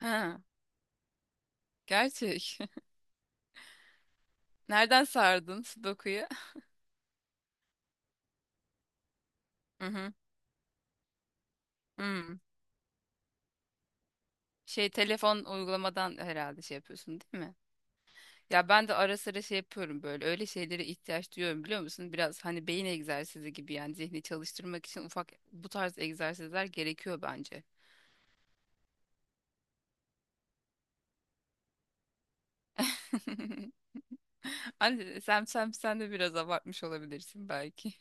Ha, gerçek. Nereden sardın Sudoku'yu? Hı hı. Hmm. Şey, telefon uygulamadan herhalde şey yapıyorsun, değil mi? Ya ben de ara sıra şey yapıyorum böyle. Öyle şeylere ihtiyaç duyuyorum, biliyor musun? Biraz hani beyin egzersizi gibi, yani zihni çalıştırmak için ufak bu tarz egzersizler gerekiyor bence. Hani sen de biraz abartmış olabilirsin belki.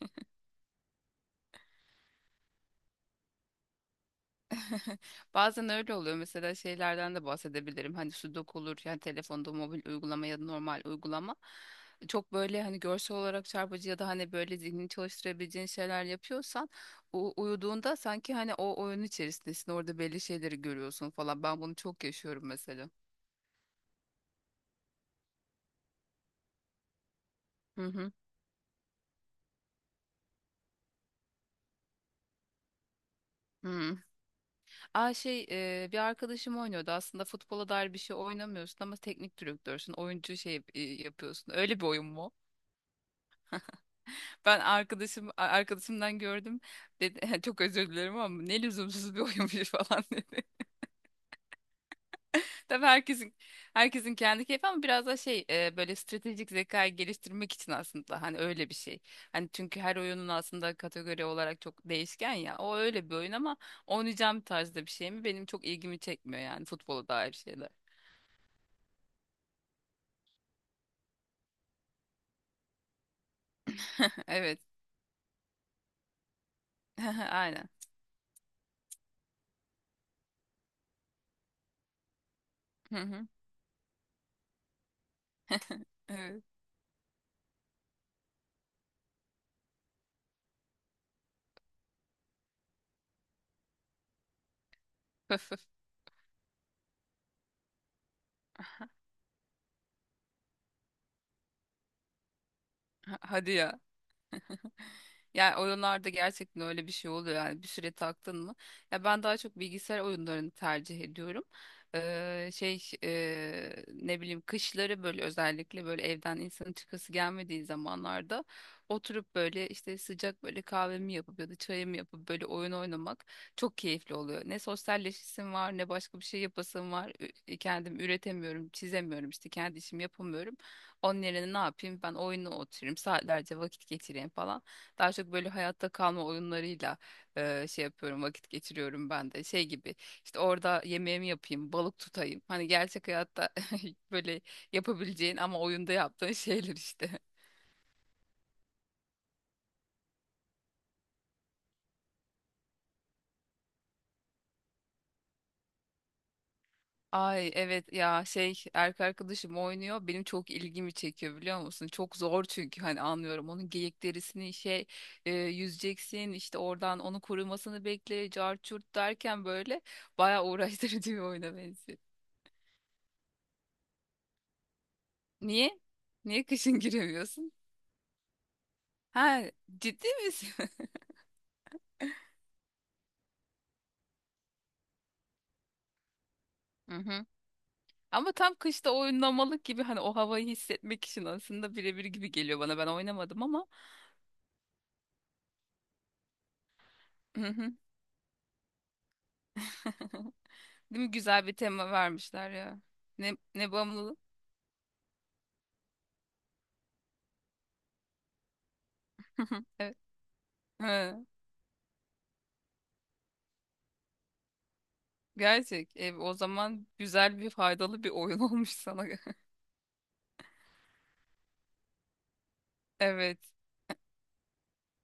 Bazen öyle oluyor. Mesela şeylerden de bahsedebilirim. Hani Sudoku olur, yani telefonda mobil uygulama ya da normal uygulama. Çok böyle hani görsel olarak çarpıcı ya da hani böyle zihnini çalıştırabileceğin şeyler yapıyorsan uyuduğunda sanki hani o oyun içerisindesin. Orada belli şeyleri görüyorsun falan. Ben bunu çok yaşıyorum mesela. Hı hı. Hı. Aa, şey, bir arkadaşım oynuyordu. Aslında futbola dair bir şey oynamıyorsun ama teknik direktörsün, oyuncu şey yapıyorsun. Öyle bir oyun mu? Ben arkadaşımdan gördüm. Dedi çok özür dilerim ama ne lüzumsuz bir oyunmuş falan dedi. Tabii herkesin kendi keyfi ama biraz da şey, böyle stratejik zekayı geliştirmek için aslında hani öyle bir şey. Hani çünkü her oyunun aslında kategori olarak çok değişken ya. O öyle bir oyun ama oynayacağım tarzda bir şey mi? Benim çok ilgimi çekmiyor yani futbola dair şeyler. Evet. Aynen. Hı hı. Evet. Hadi ya. Yani oyunlarda gerçekten öyle bir şey oluyor, yani bir süre taktın mı? Ya ben daha çok bilgisayar oyunlarını tercih ediyorum. Şey, ne bileyim, kışları böyle, özellikle böyle evden insanın çıkası gelmediği zamanlarda oturup böyle işte sıcak böyle kahvemi yapıp ya da çayımı yapıp böyle oyun oynamak çok keyifli oluyor. Ne sosyalleşisim var, ne başka bir şey yapasım var. Kendim üretemiyorum, çizemiyorum, işte kendi işimi yapamıyorum. Onun yerine ne yapayım, ben oyuna oturayım saatlerce vakit geçireyim falan. Daha çok böyle hayatta kalma oyunlarıyla şey yapıyorum, vakit geçiriyorum ben de. Şey gibi işte, orada yemeğimi yapayım, balık tutayım. Hani gerçek hayatta böyle yapabileceğin ama oyunda yaptığın şeyler işte. Ay, evet ya, şey, erkek arkadaşım oynuyor, benim çok ilgimi çekiyor, biliyor musun? Çok zor çünkü. Hani anlıyorum, onun geyik derisini şey, yüzeceksin, işte oradan onu kurumasını bekle, cart çurt derken böyle bayağı uğraştırıcı bir oyuna benziyor. Niye? Niye kışın giremiyorsun? Ha, ciddi misin? Hı hı. Ama tam kışta oynamalık gibi, hani o havayı hissetmek için aslında birebir gibi geliyor bana. Ben oynamadım ama. Hı hı. Değil mi? Güzel bir tema vermişler ya. Ne bağımlılık? Evet. Ha, gerçek. E, o zaman güzel bir, faydalı bir oyun olmuş sana. Evet.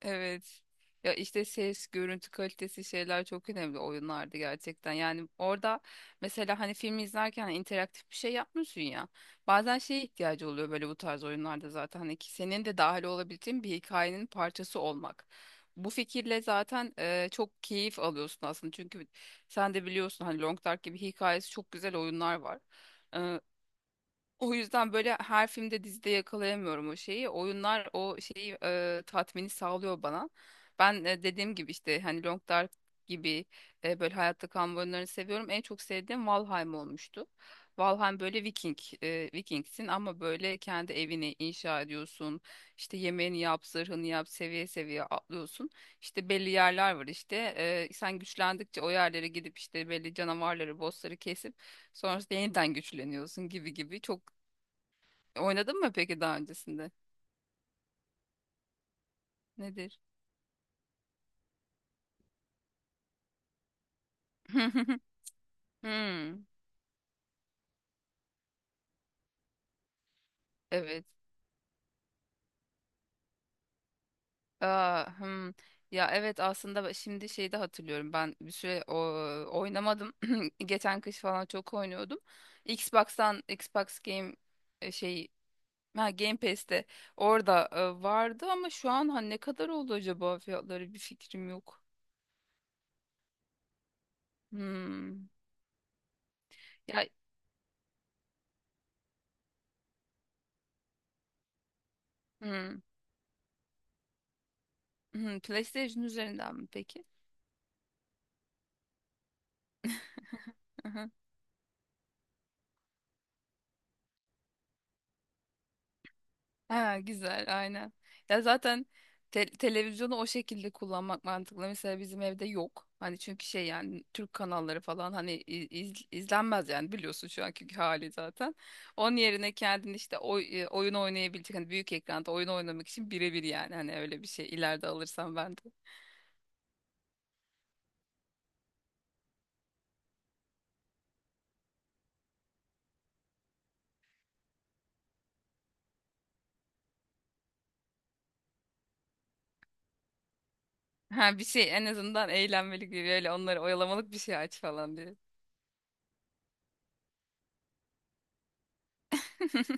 Evet. Ya işte ses, görüntü kalitesi, şeyler çok önemli oyunlarda gerçekten. Yani orada mesela hani filmi izlerken hani interaktif bir şey yapmıyorsun ya. Bazen şeye ihtiyacı oluyor böyle, bu tarz oyunlarda zaten hani, ki senin de dahil olabildiğin bir hikayenin parçası olmak. Bu fikirle zaten çok keyif alıyorsun aslında. Çünkü sen de biliyorsun hani Long Dark gibi hikayesi çok güzel oyunlar var. O yüzden böyle her filmde, dizide yakalayamıyorum o şeyi. Oyunlar o şeyi, tatmini sağlıyor bana. Ben dediğim gibi işte, hani Long Dark gibi, böyle hayatta kalma oyunlarını seviyorum. En çok sevdiğim Valheim olmuştu. Valheim böyle Vikingsin ama böyle kendi evini inşa ediyorsun. İşte yemeğini yap, zırhını yap, seviye seviye atlıyorsun. İşte belli yerler var işte. E, sen güçlendikçe o yerlere gidip işte belli canavarları, bossları kesip sonrasında yeniden güçleniyorsun gibi gibi. Çok. Oynadın mı peki daha öncesinde? Nedir? Hmm, evet. Aa, hmm. Ya evet, aslında şimdi şeyi de hatırlıyorum. Ben bir süre oynamadım. Geçen kış falan çok oynuyordum. Xbox'tan Xbox Game e, şey ha, Game Pass'te, orada vardı ama şu an ha, ne kadar oldu acaba, fiyatları bir fikrim yok. Hmm. Ya hmm. PlayStation üzerinden mi peki? Ha, güzel, aynen. Ya zaten televizyonu o şekilde kullanmak mantıklı. Mesela bizim evde yok. Hani çünkü şey, yani Türk kanalları falan hani izlenmez yani, biliyorsun şu anki hali zaten. Onun yerine kendin işte oyun oynayabilecek, hani büyük ekranda oyun oynamak için birebir, yani hani öyle bir şey ileride alırsam ben de. Ha, bir şey en azından eğlenmelik, bir öyle onları oyalamalık bir şey aç falan diye.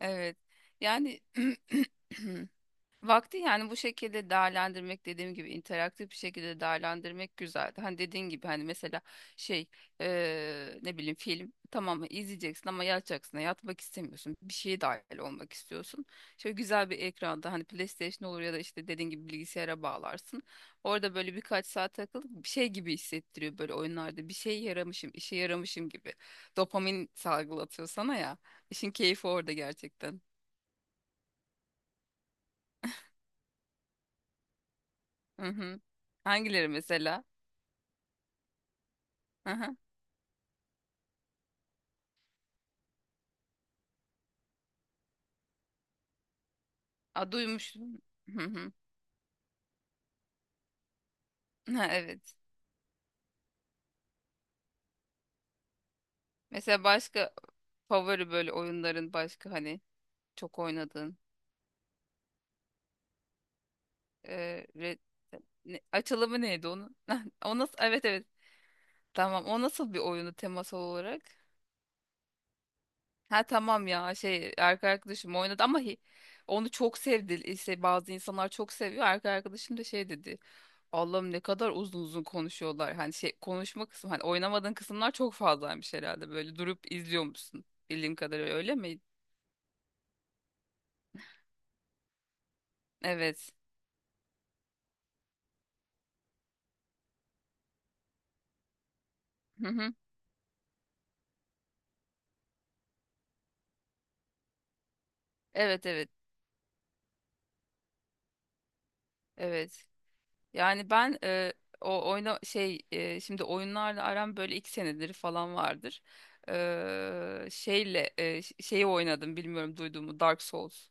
Evet. Yani vakti, yani bu şekilde değerlendirmek, dediğim gibi interaktif bir şekilde değerlendirmek güzel. Hani dediğin gibi hani mesela şey, ne bileyim, film tamam izleyeceksin ama yatacaksın, yatmak istemiyorsun. Bir şeye dahil olmak istiyorsun. Şöyle güzel bir ekranda hani PlayStation olur ya da işte dediğin gibi bilgisayara bağlarsın. Orada böyle birkaç saat takılıp bir şey gibi hissettiriyor böyle oyunlarda, bir şey yaramışım işe yaramışım gibi. Dopamin salgılatıyor sana ya. İşin keyfi orada gerçekten. Hı hı. Hangileri mesela? A, duymuştum. Hı hı. Ha, evet. Mesela başka favori böyle oyunların, başka hani çok oynadığın, e, Red- açılımı neydi onun? O nasıl? Evet, evet. Tamam. O nasıl bir oyunu temasal olarak? Ha, tamam ya, şey, erkek arkadaşım oynadı ama onu çok sevdi. İşte bazı insanlar çok seviyor. Erkek arkadaşım da şey dedi. Allah'ım, ne kadar uzun uzun konuşuyorlar. Hani şey konuşma kısmı, hani oynamadığın kısımlar çok fazlaymış herhalde. Böyle durup izliyormuşsun. Bildiğim kadarıyla öyle mi? Evet. Hı hı. Evet, evet, evet. Yani ben, e, o oyna şey e, şimdi oyunlarla aram böyle 2 senedir falan vardır. Şeyi oynadım, bilmiyorum duyduğumu, Dark Souls.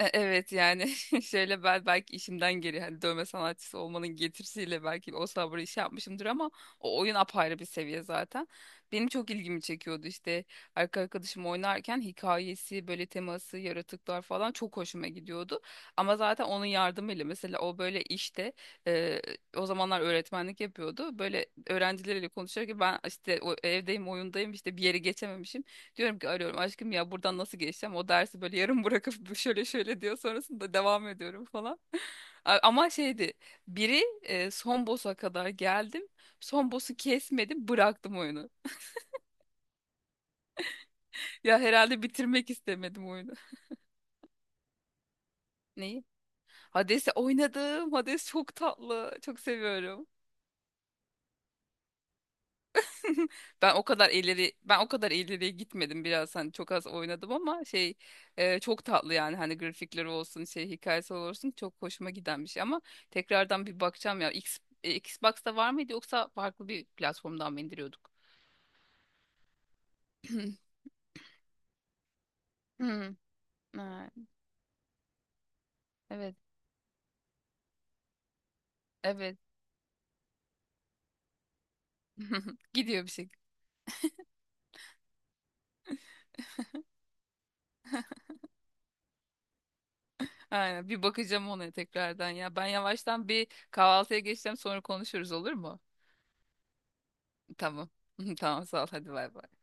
Evet yani şöyle, ben belki işimden geri, hani dövme sanatçısı olmanın getirisiyle belki o sabrı iş yapmışımdır ama o oyun apayrı bir seviye zaten. Benim çok ilgimi çekiyordu işte arkadaşım oynarken, hikayesi böyle, teması, yaratıklar falan çok hoşuma gidiyordu. Ama zaten onun yardımıyla mesela o böyle, işte e, o zamanlar öğretmenlik yapıyordu. Böyle öğrencileriyle konuşuyor ki, ben işte evdeyim, oyundayım, işte bir yere geçememişim. Diyorum ki, arıyorum, aşkım ya buradan nasıl geçeceğim? O dersi böyle yarım bırakıp, bu şöyle şöyle diyor, sonrasında devam ediyorum falan. Ama şeydi, biri, son boss'a kadar geldim. Son boss'u kesmedim, bıraktım oyunu. Ya herhalde bitirmek istemedim oyunu. Neyi? Hades'i oynadım. Hades çok tatlı. Çok seviyorum. Ben o kadar ileriye gitmedim, biraz hani çok az oynadım ama şey, çok tatlı yani, hani grafikleri olsun, şey hikayesi olsun çok hoşuma giden bir şey ama tekrardan bir bakacağım ya. Xbox'ta var mıydı yoksa farklı bir platformdan mı indiriyorduk? Hmm, ha, evet, evet, gidiyor bir şey. Aynen, bir bakacağım ona tekrardan. Ya ben yavaştan bir kahvaltıya geçeceğim, sonra konuşuruz, olur mu? Tamam, tamam, sağ ol, hadi, bay bay.